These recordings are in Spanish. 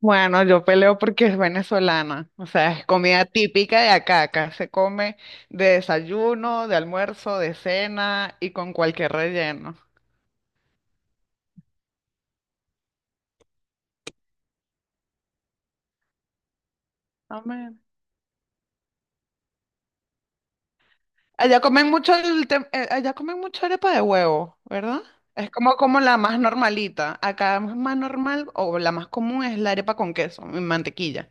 Bueno, yo peleo porque es venezolana, o sea, es comida típica de acá, acá se come de desayuno, de almuerzo, de cena y con cualquier relleno. Amén. Allá comen mucho allá comen mucho arepa de huevo, ¿verdad? Es como la más normalita. Acá es más normal o la más común es la arepa con queso y mantequilla.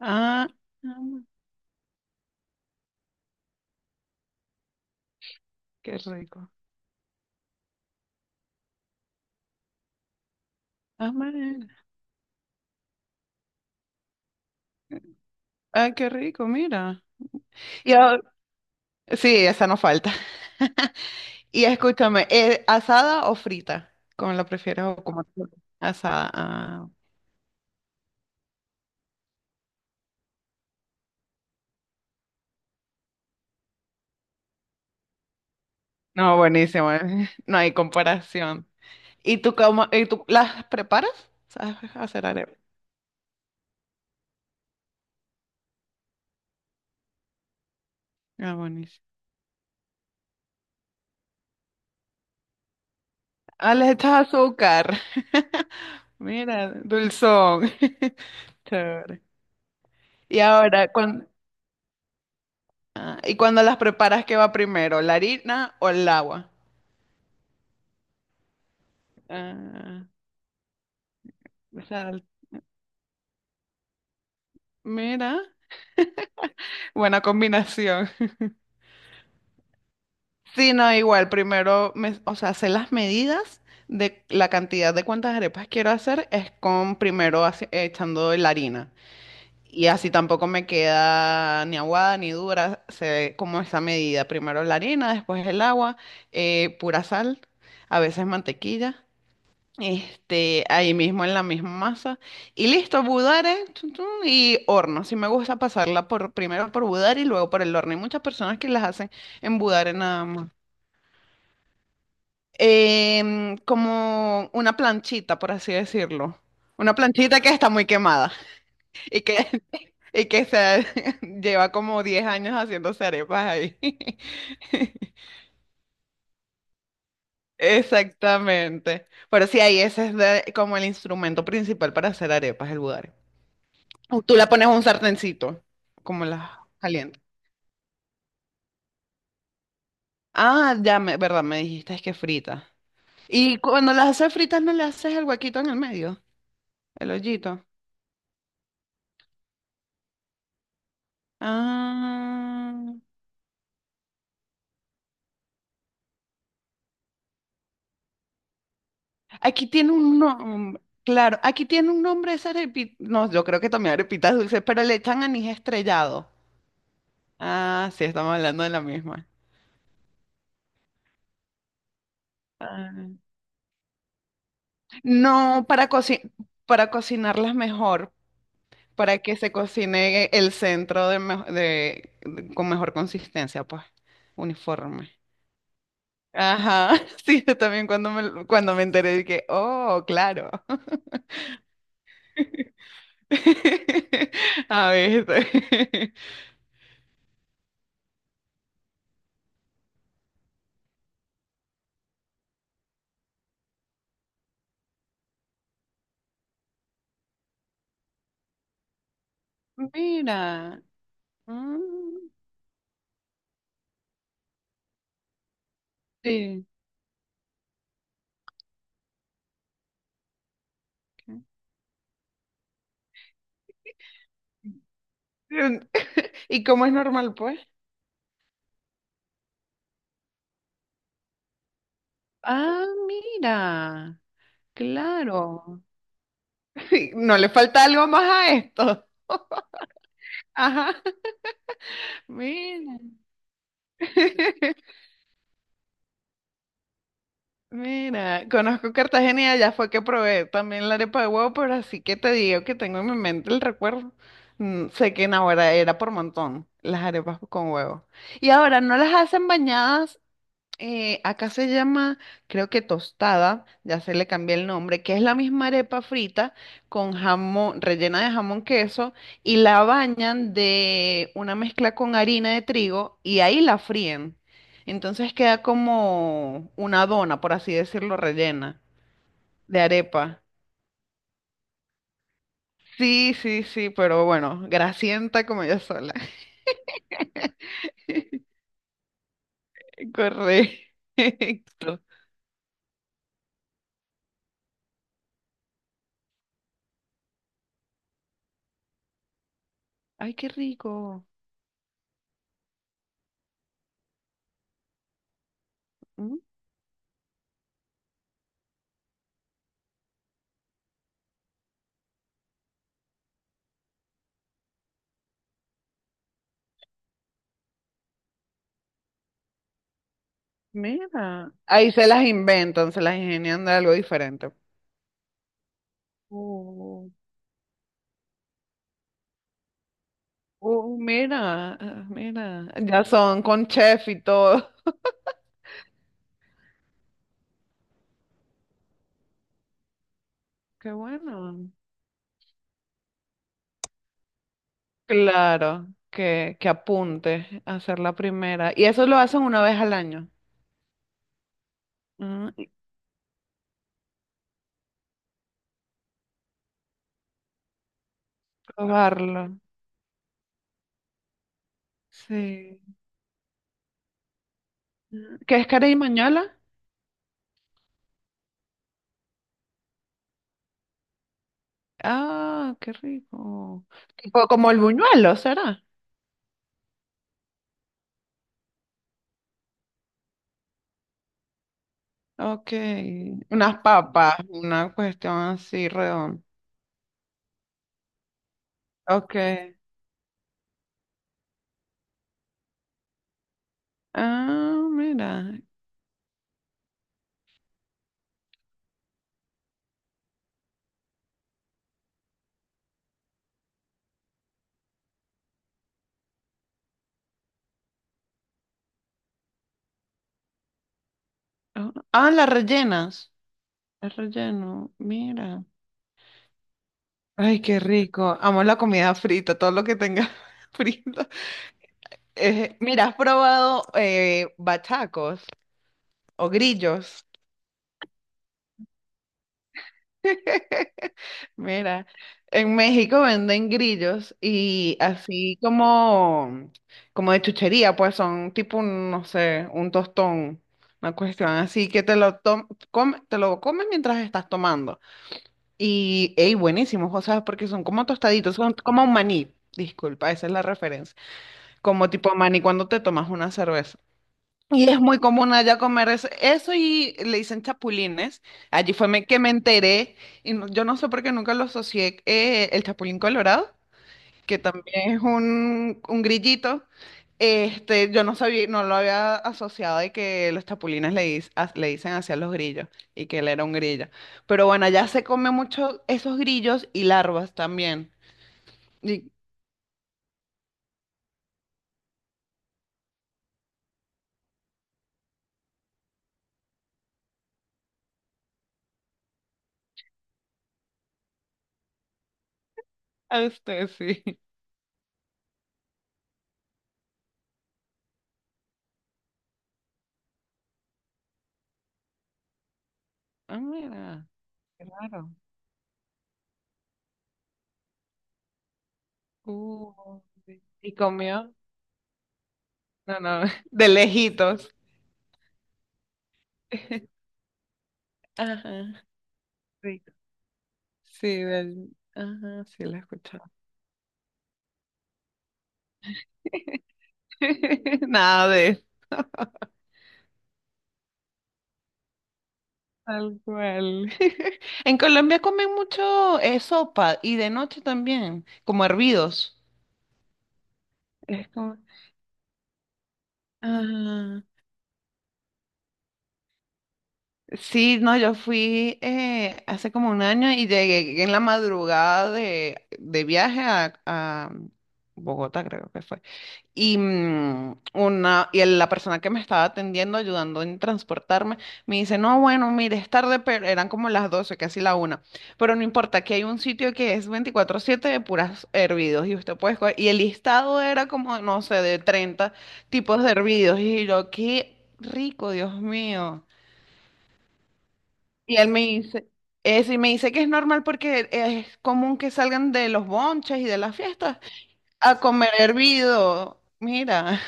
Ah, amén. Qué rico. Amén. Ah, qué rico, mira. Y ahora- sí, esa no falta. Y escúchame, ¿asada o frita? ¿Cómo la prefieres o cómo te gusta? Asada. Ah. No, buenísimo. No hay comparación. ¿Y tú las preparas? ¿Sabes hacer arepa? Ah, buenísimo. Ah, les echas azúcar. Mira, dulzón. Chévere. Y ahora, cuando, ¿Y cuando las preparas, qué va primero? ¿La harina o el agua? Ah, o sea, mira, buena combinación. Sí, no, igual, primero, o sea, sé las medidas de la cantidad de cuántas arepas quiero hacer, es con primero echando la harina. Y así tampoco me queda ni aguada ni dura, sé como esa medida. Primero la harina, después el agua, pura sal, a veces mantequilla, este, ahí mismo en la misma masa. Y listo, budare, tun, tun, y horno. Sí me gusta pasarla por, primero por budare y luego por el horno. Hay muchas personas que las hacen en budare nada más. Como una planchita, por así decirlo. Una planchita que está muy quemada y que, y que se lleva como 10 años haciéndose arepas ahí. Exactamente. Pero sí, ahí como el instrumento principal para hacer arepas, el budare. O tú le pones un sartencito, como las calientes. Ah, ya, me, verdad, me dijiste es que frita. Y cuando las haces fritas, ¿no le haces el huequito en el medio? El hoyito. Ah. Aquí tiene un nombre, claro, aquí tiene un nombre esa arepita, no, yo creo que también arepitas dulces, pero le echan anís estrellado. Ah, sí, estamos hablando de la misma. Ah, no, para cocinarlas mejor, para que se cocine el centro de con mejor consistencia, pues, uniforme. Ajá, sí, yo también cuando me enteré dije, oh, claro. A ver, mira. Mm. Sí. ¿Y cómo es normal, pues? Ah, mira, claro. ¿No le falta algo más a esto? Ajá. Mira, mira, conozco Cartagena y allá fue que probé también la arepa de huevo, pero así que te digo que tengo en mi mente el recuerdo. Mm, sé que en ahora era por montón las arepas con huevo. Y ahora no las hacen bañadas. Acá se llama, creo que tostada, ya se le cambió el nombre, que es la misma arepa frita con jamón, rellena de jamón queso y la bañan de una mezcla con harina de trigo y ahí la fríen. Entonces queda como una dona, por así decirlo, rellena de arepa. Sí, pero bueno, grasienta como yo sola. Correcto. Ay, qué rico. Mm. Mira, ahí se las inventan, se las ingenian de algo diferente. Oh, oh, mira, ah, mira, ya son con chef y todo. Qué bueno. Claro, que apunte a hacer la primera. Y eso lo hacen una vez al año. Ah, y probarlo. Sí. Ah, ¿qué es carey mañola? Ah, qué rico. Tipo como el buñuelo, ¿será? Ok. Unas papas, una cuestión así redonda. Ok. Ah, mira. Ah, ah, las rellenas. El relleno, mira. Ay, qué rico. Amo la comida frita, todo lo que tenga frito. Mira, ¿has probado bachacos o grillos? Mira, en México venden grillos y así como, como de chuchería, pues son tipo un, no sé, un tostón, una cuestión así que te lo comes mientras estás tomando. Y, ey, buenísimos, o sea, porque son como tostaditos, son como un maní, disculpa, esa es la referencia, como tipo maní cuando te tomas una cerveza. Y es muy común allá comer eso, eso y le dicen chapulines, que me enteré, y yo no sé por qué nunca lo asocié, el chapulín colorado, que también es un grillito. Este, yo no sabía, no lo había asociado de que los chapulines le dicen hacia los grillos y que él era un grillo. Pero bueno, allá se come mucho esos grillos y larvas también. Y a usted sí. Ah, mira, qué raro. Sí. Y comió, no, no, de lejitos. Ajá, rico. Sí, del, ajá, sí la he escuchado. Nada de tal cual. En Colombia comen mucho sopa y de noche también, como hervidos. Es como... Ajá. Sí, no, yo fui hace como un año y llegué en la madrugada de viaje a Bogotá, creo que fue. Y, mm, una, y la persona que me estaba atendiendo, ayudando en transportarme, me dice, no, bueno, mire, es tarde, pero eran como las 12 casi la 1. Pero no importa, aquí hay un sitio que es 24/7 de puras hervidos y usted puede escoger. Y el listado era como, no sé, de 30 tipos de hervidos. Y yo, qué rico, Dios mío. Y él me dice, eso y me dice que es normal porque es común que salgan de los bonches y de las fiestas a comer hervido. Mira,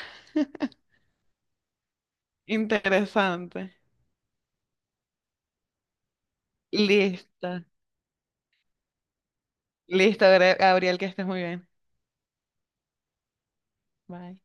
interesante. Lista. Listo, Gabriel, que estés muy bien. Bye.